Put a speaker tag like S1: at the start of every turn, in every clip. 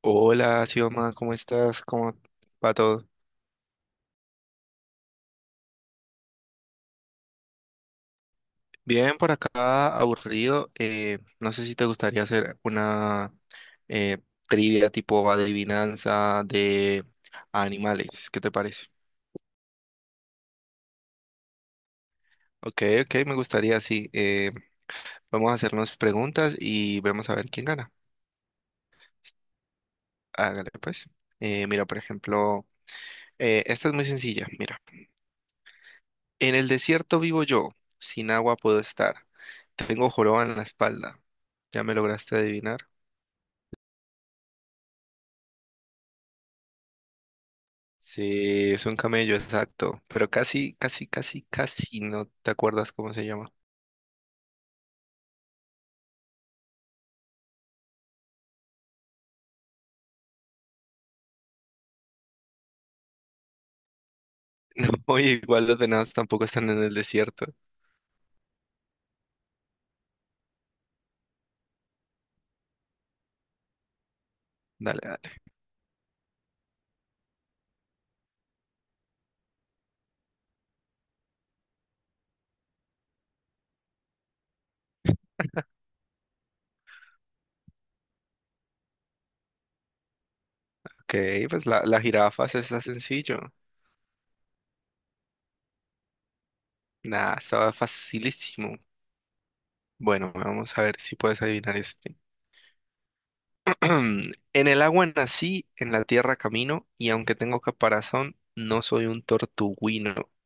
S1: Hola, Sioma, ¿cómo estás? ¿Cómo va todo? Bien, por acá, aburrido. No sé si te gustaría hacer una eh, trivia tipo adivinanza de animales. ¿Qué te parece? Ok, ok, me gustaría, sí. Vamos a hacernos preguntas y vemos a ver quién gana. Hágale, pues. Mira, por ejemplo, esta es muy sencilla. Mira, en el desierto vivo yo, sin agua puedo estar. Tengo joroba en la espalda. ¿Ya me lograste adivinar? Sí, es un camello, exacto. Pero casi, casi, casi, casi no te acuerdas cómo se llama. No, y igual los venados tampoco están en el desierto. Dale, dale. Ok, pues la jirafa se está sencillo. Nah, estaba facilísimo. Bueno, vamos a ver si puedes adivinar este. En el agua nací, en la tierra camino, y aunque tengo caparazón, no soy un tortuguino.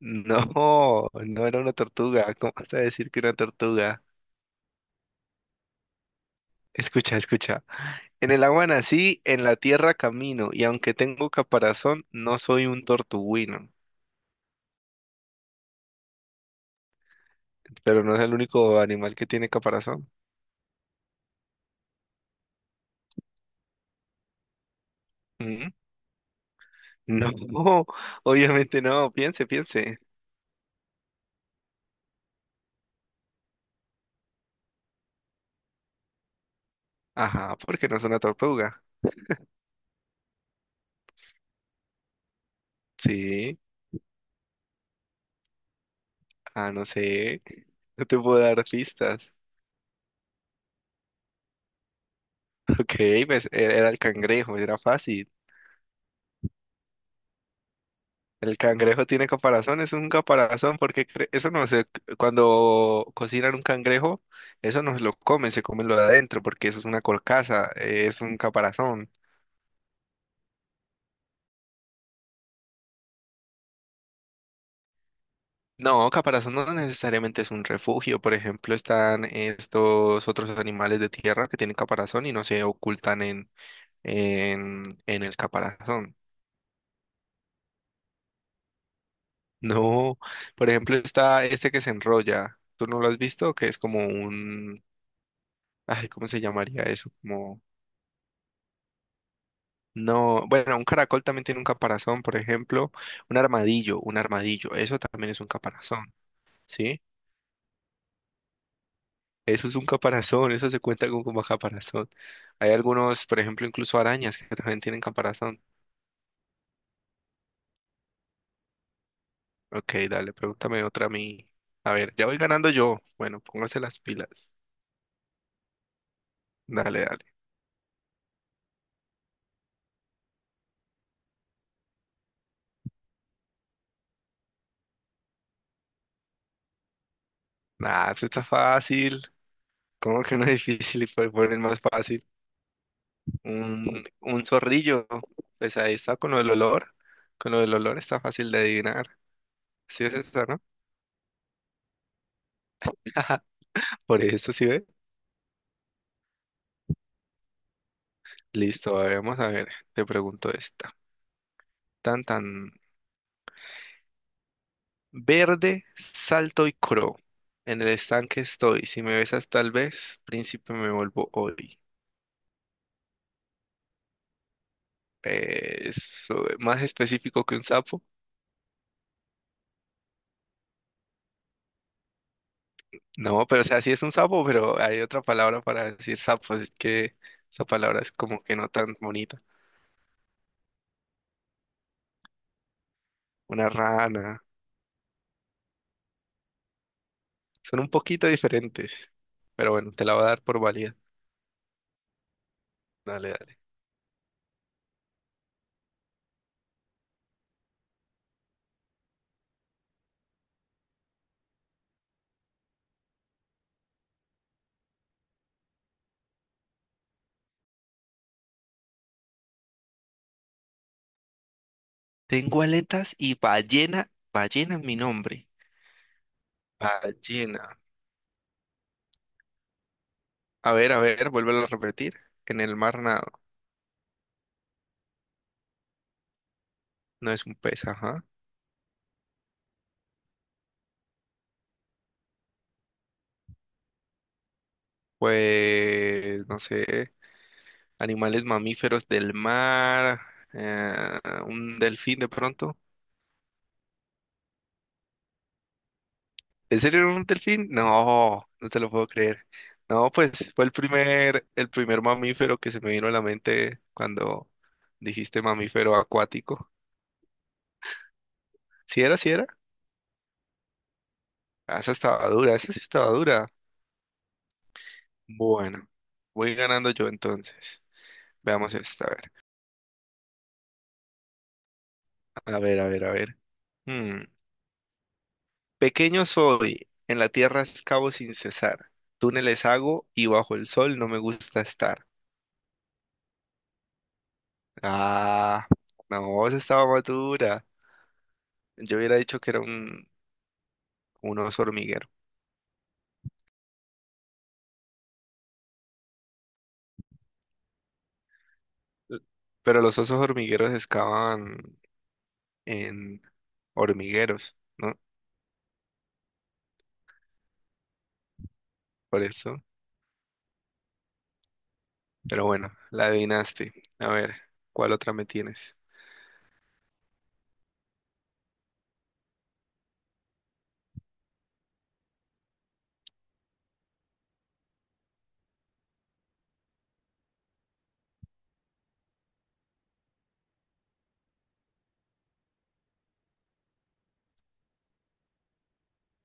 S1: No, no era una tortuga. ¿Cómo vas a decir que una tortuga? Escucha, escucha. En el agua nací, en la tierra camino, y aunque tengo caparazón, no soy un tortuguino. Pero no es el único animal que tiene caparazón. ¿Mm? No, obviamente no. Piense, piense. Ajá, porque no es una tortuga. Sí. Ah, no sé. No te puedo dar pistas. Ok, pues, era el cangrejo, era fácil. El cangrejo tiene caparazón, es un caparazón, porque eso no se, cuando cocinan un cangrejo, eso no se lo comen, se comen lo de adentro, porque eso es una carcasa, es un caparazón. No, caparazón no necesariamente es un refugio, por ejemplo, están estos otros animales de tierra que tienen caparazón y no se ocultan en, en el caparazón. No, por ejemplo, está este que se enrolla, ¿tú no lo has visto? Que es como un, ay, ¿cómo se llamaría eso? Como no, bueno, un caracol también tiene un caparazón, por ejemplo, un armadillo, eso también es un caparazón, ¿sí? Eso es un caparazón, eso se cuenta con como caparazón. Hay algunos, por ejemplo, incluso arañas que también tienen caparazón. Ok, dale, pregúntame otra a mí. A ver, ya voy ganando yo. Bueno, póngase las pilas. Dale, dale. Nah, eso está fácil. ¿Cómo que no es difícil y puede poner más fácil? Un zorrillo, pues ahí está con lo del olor. Con lo del olor está fácil de adivinar. Sí es esta, ¿no? Por eso sí ve. Listo, a ver, vamos a ver. Te pregunto esta. Tan tan verde, salto y cro. En el estanque estoy. Si me besas tal vez, príncipe me vuelvo hoy. Es más específico que un sapo. No, pero o sea, sí es un sapo, pero hay otra palabra para decir sapo, así que esa palabra es como que no tan bonita. Una rana. Son un poquito diferentes. Pero bueno, te la voy a dar por válida. Dale, dale. Tengo aletas y ballena es mi nombre. Ballena. A ver, vuélvelo a repetir. En el mar nado, no es un pez, ajá. Pues, no sé, animales mamíferos del mar, eh, un delfín de pronto. ¿En serio era un delfín? No, no te lo puedo creer. No, pues fue el primer mamífero que se me vino a la mente cuando dijiste mamífero acuático. ¿Sí era, sí era? Ah, esa estaba dura, esa sí estaba dura. Bueno, voy ganando yo entonces. Veamos esta, a ver. A ver, a ver, a ver. Hmm. Pequeño soy, en la tierra excavo sin cesar. Túneles hago y bajo el sol no me gusta estar. Ah, no, esa estaba más dura. Yo hubiera dicho que era un oso hormiguero. L- Pero los osos hormigueros excavan en hormigueros, ¿no? Por eso. Pero bueno, la adivinaste. A ver, ¿cuál otra me tienes?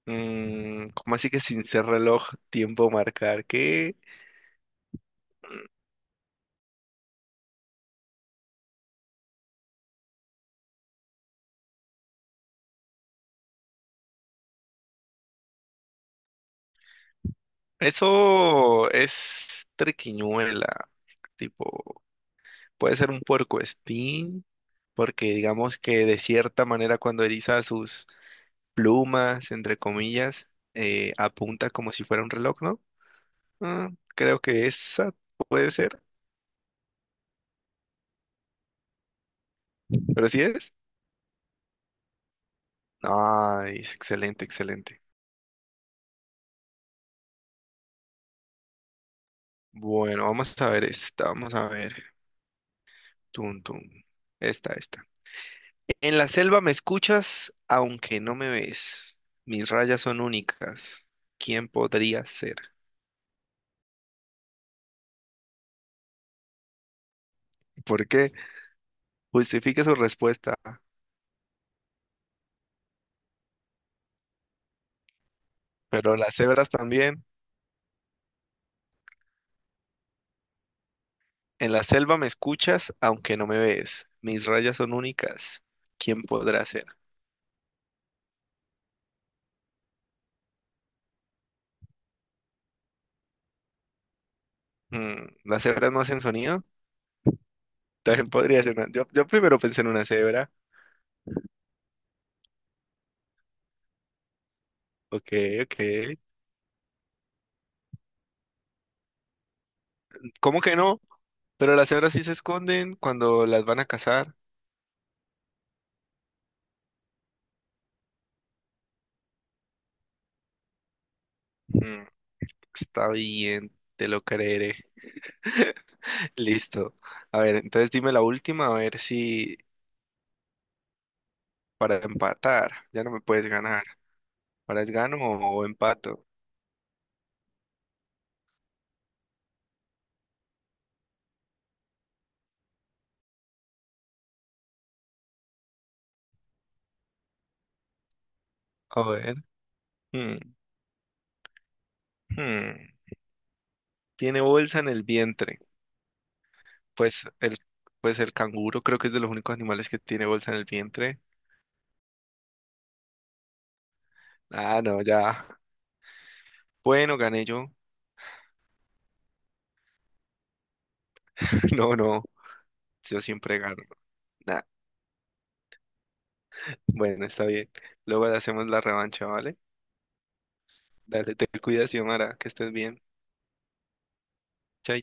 S1: Mm, ¿cómo así que sin ser reloj, tiempo marcar? ¿Qué? Eso es triquiñuela. Tipo, puede ser un puercoespín, porque digamos que de cierta manera cuando eriza sus plumas, entre comillas, apunta como si fuera un reloj, ¿no? Ah, creo que esa puede ser, pero sí es. Nice, excelente, excelente. Bueno, vamos a ver esta, vamos a ver. Tum, tum. Esta, esta. En la selva me escuchas, aunque no me ves. Mis rayas son únicas. ¿Quién podría ser? ¿Por qué? Justifique su respuesta. Pero las cebras también. En la selva me escuchas, aunque no me ves. Mis rayas son únicas. ¿Quién podrá ser? Mm, ¿las cebras no hacen sonido? También podría ser una... Yo primero pensé en una cebra. Ok, ok. ¿Cómo que no? Pero las cebras sí se esconden cuando las van a cazar. Mm, está bien, te lo creeré. Listo. A ver, entonces dime la última, a ver si para empatar, ya no me puedes ganar. ¿Ahora es gano o empato? A ver. Hmm, hmm. Tiene bolsa en el vientre. Pues el, pues el canguro creo que es de los únicos animales que tiene bolsa en el vientre. Ah, no, ya. Bueno, gané yo. No, no, yo siempre gano. Nah, bueno, está bien. Luego hacemos la revancha, ¿vale? Dale, te cuidas, Xiomara, que estés bien. Chaito.